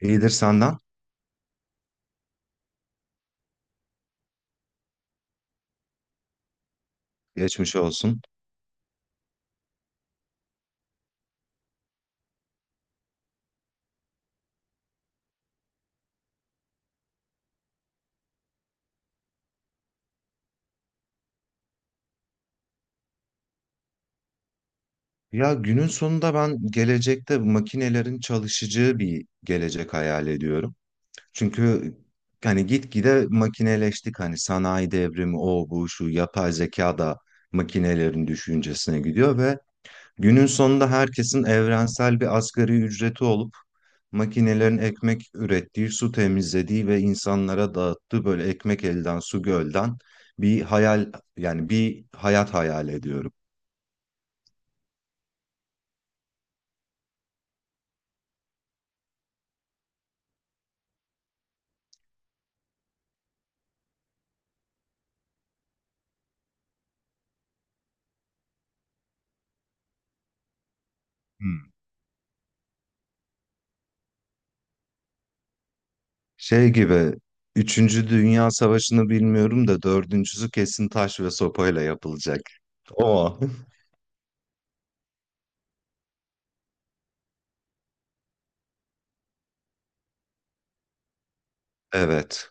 İyidir senden. Geçmiş olsun. Ya günün sonunda ben gelecekte makinelerin çalışacağı bir gelecek hayal ediyorum. Çünkü hani gitgide makineleştik, hani sanayi devrimi o bu şu, yapay zeka da makinelerin düşüncesine gidiyor ve günün sonunda herkesin evrensel bir asgari ücreti olup makinelerin ekmek ürettiği, su temizlediği ve insanlara dağıttığı, böyle ekmek elden su gölden bir hayal, yani bir hayat hayal ediyorum. Hmm. Şey gibi, Üçüncü Dünya Savaşı'nı bilmiyorum da dördüncüsü kesin taş ve sopayla yapılacak. O. Evet.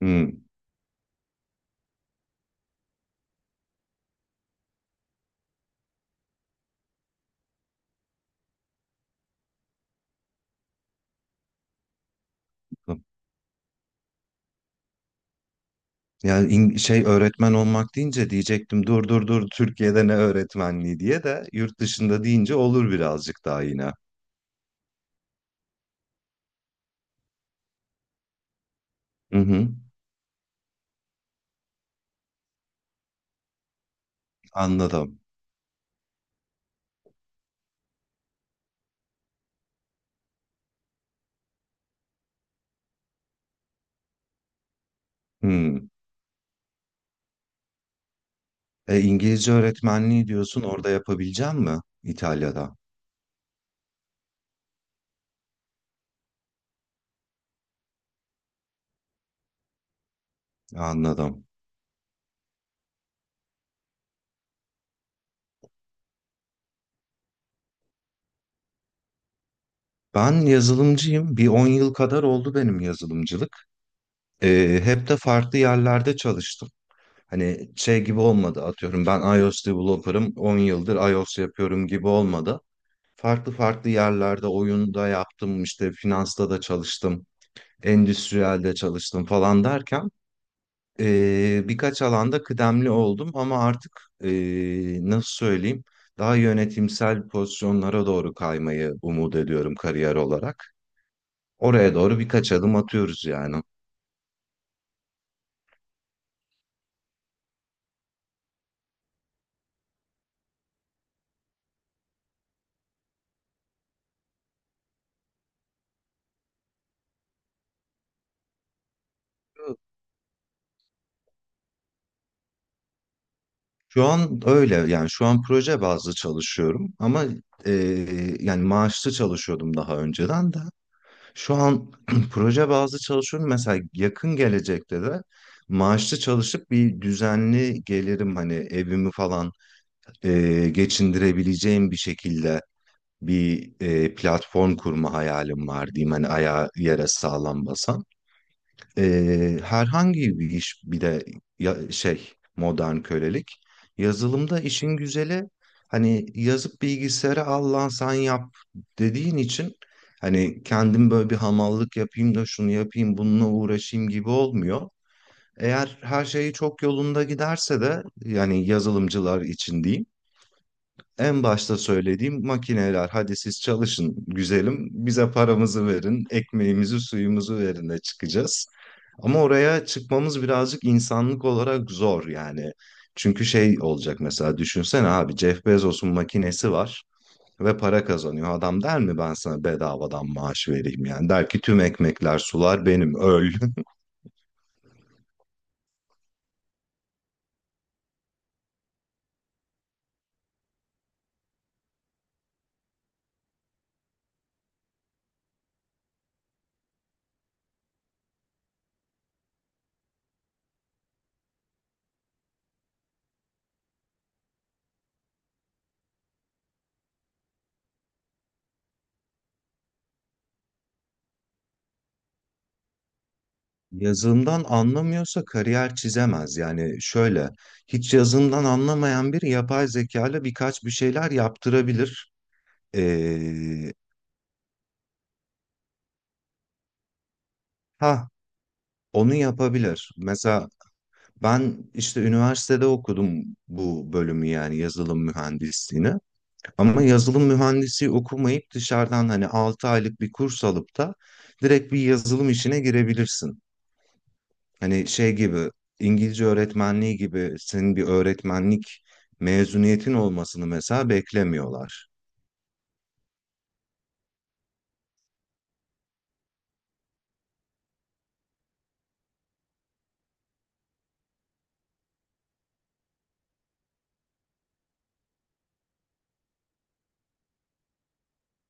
Hmm. Yani şey, öğretmen olmak deyince diyecektim dur dur dur Türkiye'de ne öğretmenliği diye, de yurt dışında deyince olur birazcık daha, yine. Hı hı. Anladım. Hmm. İngilizce öğretmenliği diyorsun, orada yapabileceğim mi İtalya'da? Anladım. Ben yazılımcıyım. Bir 10 yıl kadar oldu benim yazılımcılık. Hep de farklı yerlerde çalıştım. Hani şey gibi olmadı, atıyorum ben iOS developer'ım, 10 yıldır iOS yapıyorum gibi olmadı. Farklı farklı yerlerde, oyunda yaptım, işte finansta da çalıştım, endüstriyelde çalıştım falan derken birkaç alanda kıdemli oldum, ama artık nasıl söyleyeyim, daha yönetimsel pozisyonlara doğru kaymayı umut ediyorum, kariyer olarak. Oraya doğru birkaç adım atıyoruz yani. Şu an öyle yani, şu an proje bazlı çalışıyorum, ama e, yani maaşlı çalışıyordum daha önceden de. Şu an proje bazlı çalışıyorum. Mesela yakın gelecekte de maaşlı çalışıp bir düzenli gelirim, hani evimi falan geçindirebileceğim bir şekilde bir platform kurma hayalim var diyeyim, hani ayağı yere sağlam basan. Herhangi bir iş bile, ya, şey, modern kölelik. Yazılımda işin güzeli, hani yazıp bilgisayara al lan sen yap dediğin için, hani kendim böyle bir hamallık yapayım da şunu yapayım bununla uğraşayım gibi olmuyor. Eğer her şeyi çok yolunda giderse de, yani yazılımcılar için diyeyim, en başta söylediğim, makineler hadi siz çalışın güzelim, bize paramızı verin, ekmeğimizi suyumuzu verin de çıkacağız. Ama oraya çıkmamız birazcık insanlık olarak zor yani. Çünkü şey olacak, mesela düşünsene abi, Jeff Bezos'un makinesi var ve para kazanıyor. Adam der mi ben sana bedavadan maaş vereyim? Yani der ki tüm ekmekler sular benim, öl. Yazından anlamıyorsa kariyer çizemez. Yani şöyle, hiç yazından anlamayan biri yapay zeka ile birkaç bir şeyler yaptırabilir. Ee, ha, onu yapabilir. Mesela ben işte üniversitede okudum bu bölümü, yani yazılım mühendisliğini. Ama yazılım mühendisi okumayıp, dışarıdan hani 6 aylık bir kurs alıp da direkt bir yazılım işine girebilirsin. Hani şey gibi, İngilizce öğretmenliği gibi senin bir öğretmenlik mezuniyetin olmasını mesela beklemiyorlar.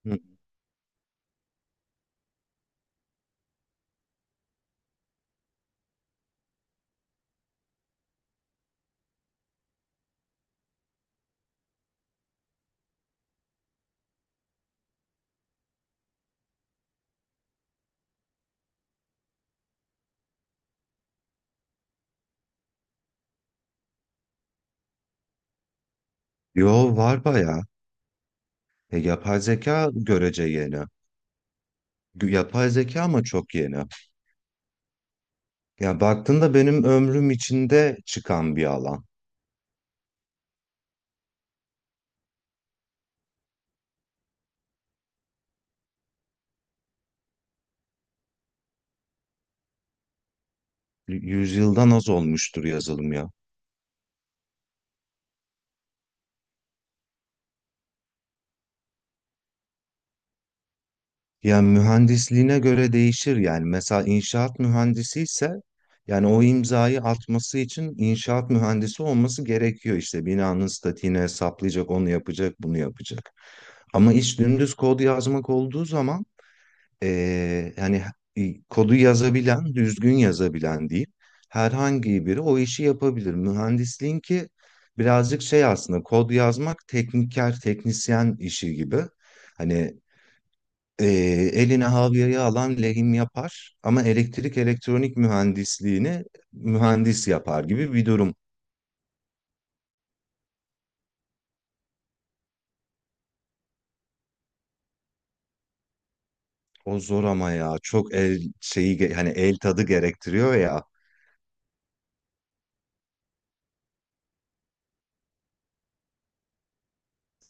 Hı. Yo, var bayağı. Yapay zeka görece yeni. Yapay zeka ama çok yeni. Ya baktığında benim ömrüm içinde çıkan bir alan. Yüzyıldan az olmuştur yazılım ya. Yani mühendisliğine göre değişir, yani mesela inşaat mühendisi ise, yani o imzayı atması için inşaat mühendisi olması gerekiyor, işte binanın statiğini hesaplayacak, onu yapacak, bunu yapacak. Ama iş dümdüz kod yazmak olduğu zaman yani kodu yazabilen, düzgün yazabilen değil, herhangi biri o işi yapabilir. Mühendisliğin ki birazcık şey, aslında kod yazmak tekniker teknisyen işi gibi. Hani e, eline havyayı alan lehim yapar ama elektrik elektronik mühendisliğini mühendis yapar gibi bir durum. O zor ama ya, çok el şeyi hani el tadı gerektiriyor ya.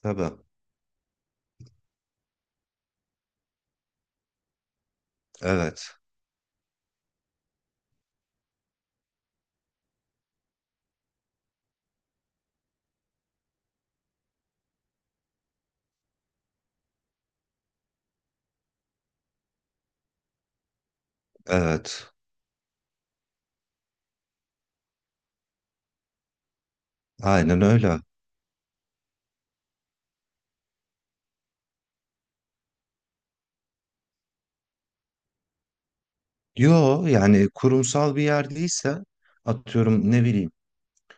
Tabii. Evet. Evet. Aynen öyle. Yo yani, kurumsal bir yer değilse, atıyorum ne bileyim,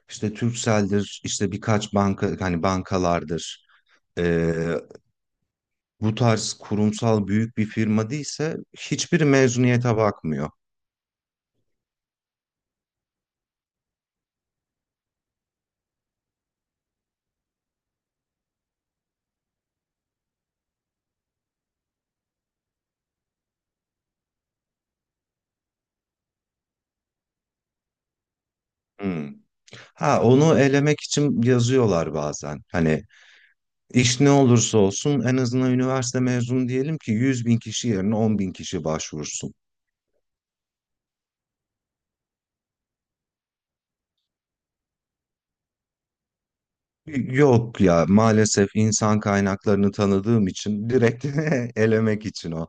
işte Turkcell'dir, işte birkaç banka, hani bankalardır, bu tarz kurumsal büyük bir firma değilse hiçbir mezuniyete bakmıyor. Hmm. Ha, onu elemek için yazıyorlar bazen. Hani iş ne olursa olsun, en azından üniversite mezunu, diyelim ki 100 bin kişi yerine 10 bin kişi başvursun. Yok ya, maalesef insan kaynaklarını tanıdığım için direkt elemek için o.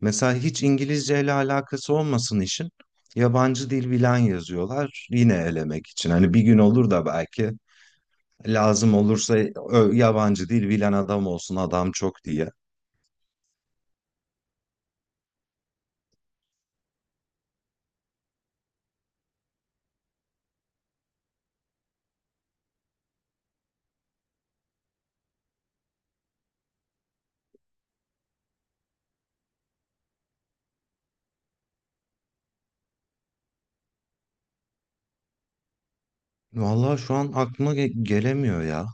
Mesela hiç İngilizce ile alakası olmasın işin. Yabancı dil bilen yazıyorlar, yine elemek için. Hani bir gün olur da belki lazım olursa yabancı dil bilen adam olsun, adam çok diye. Vallahi şu an aklıma gelemiyor ya.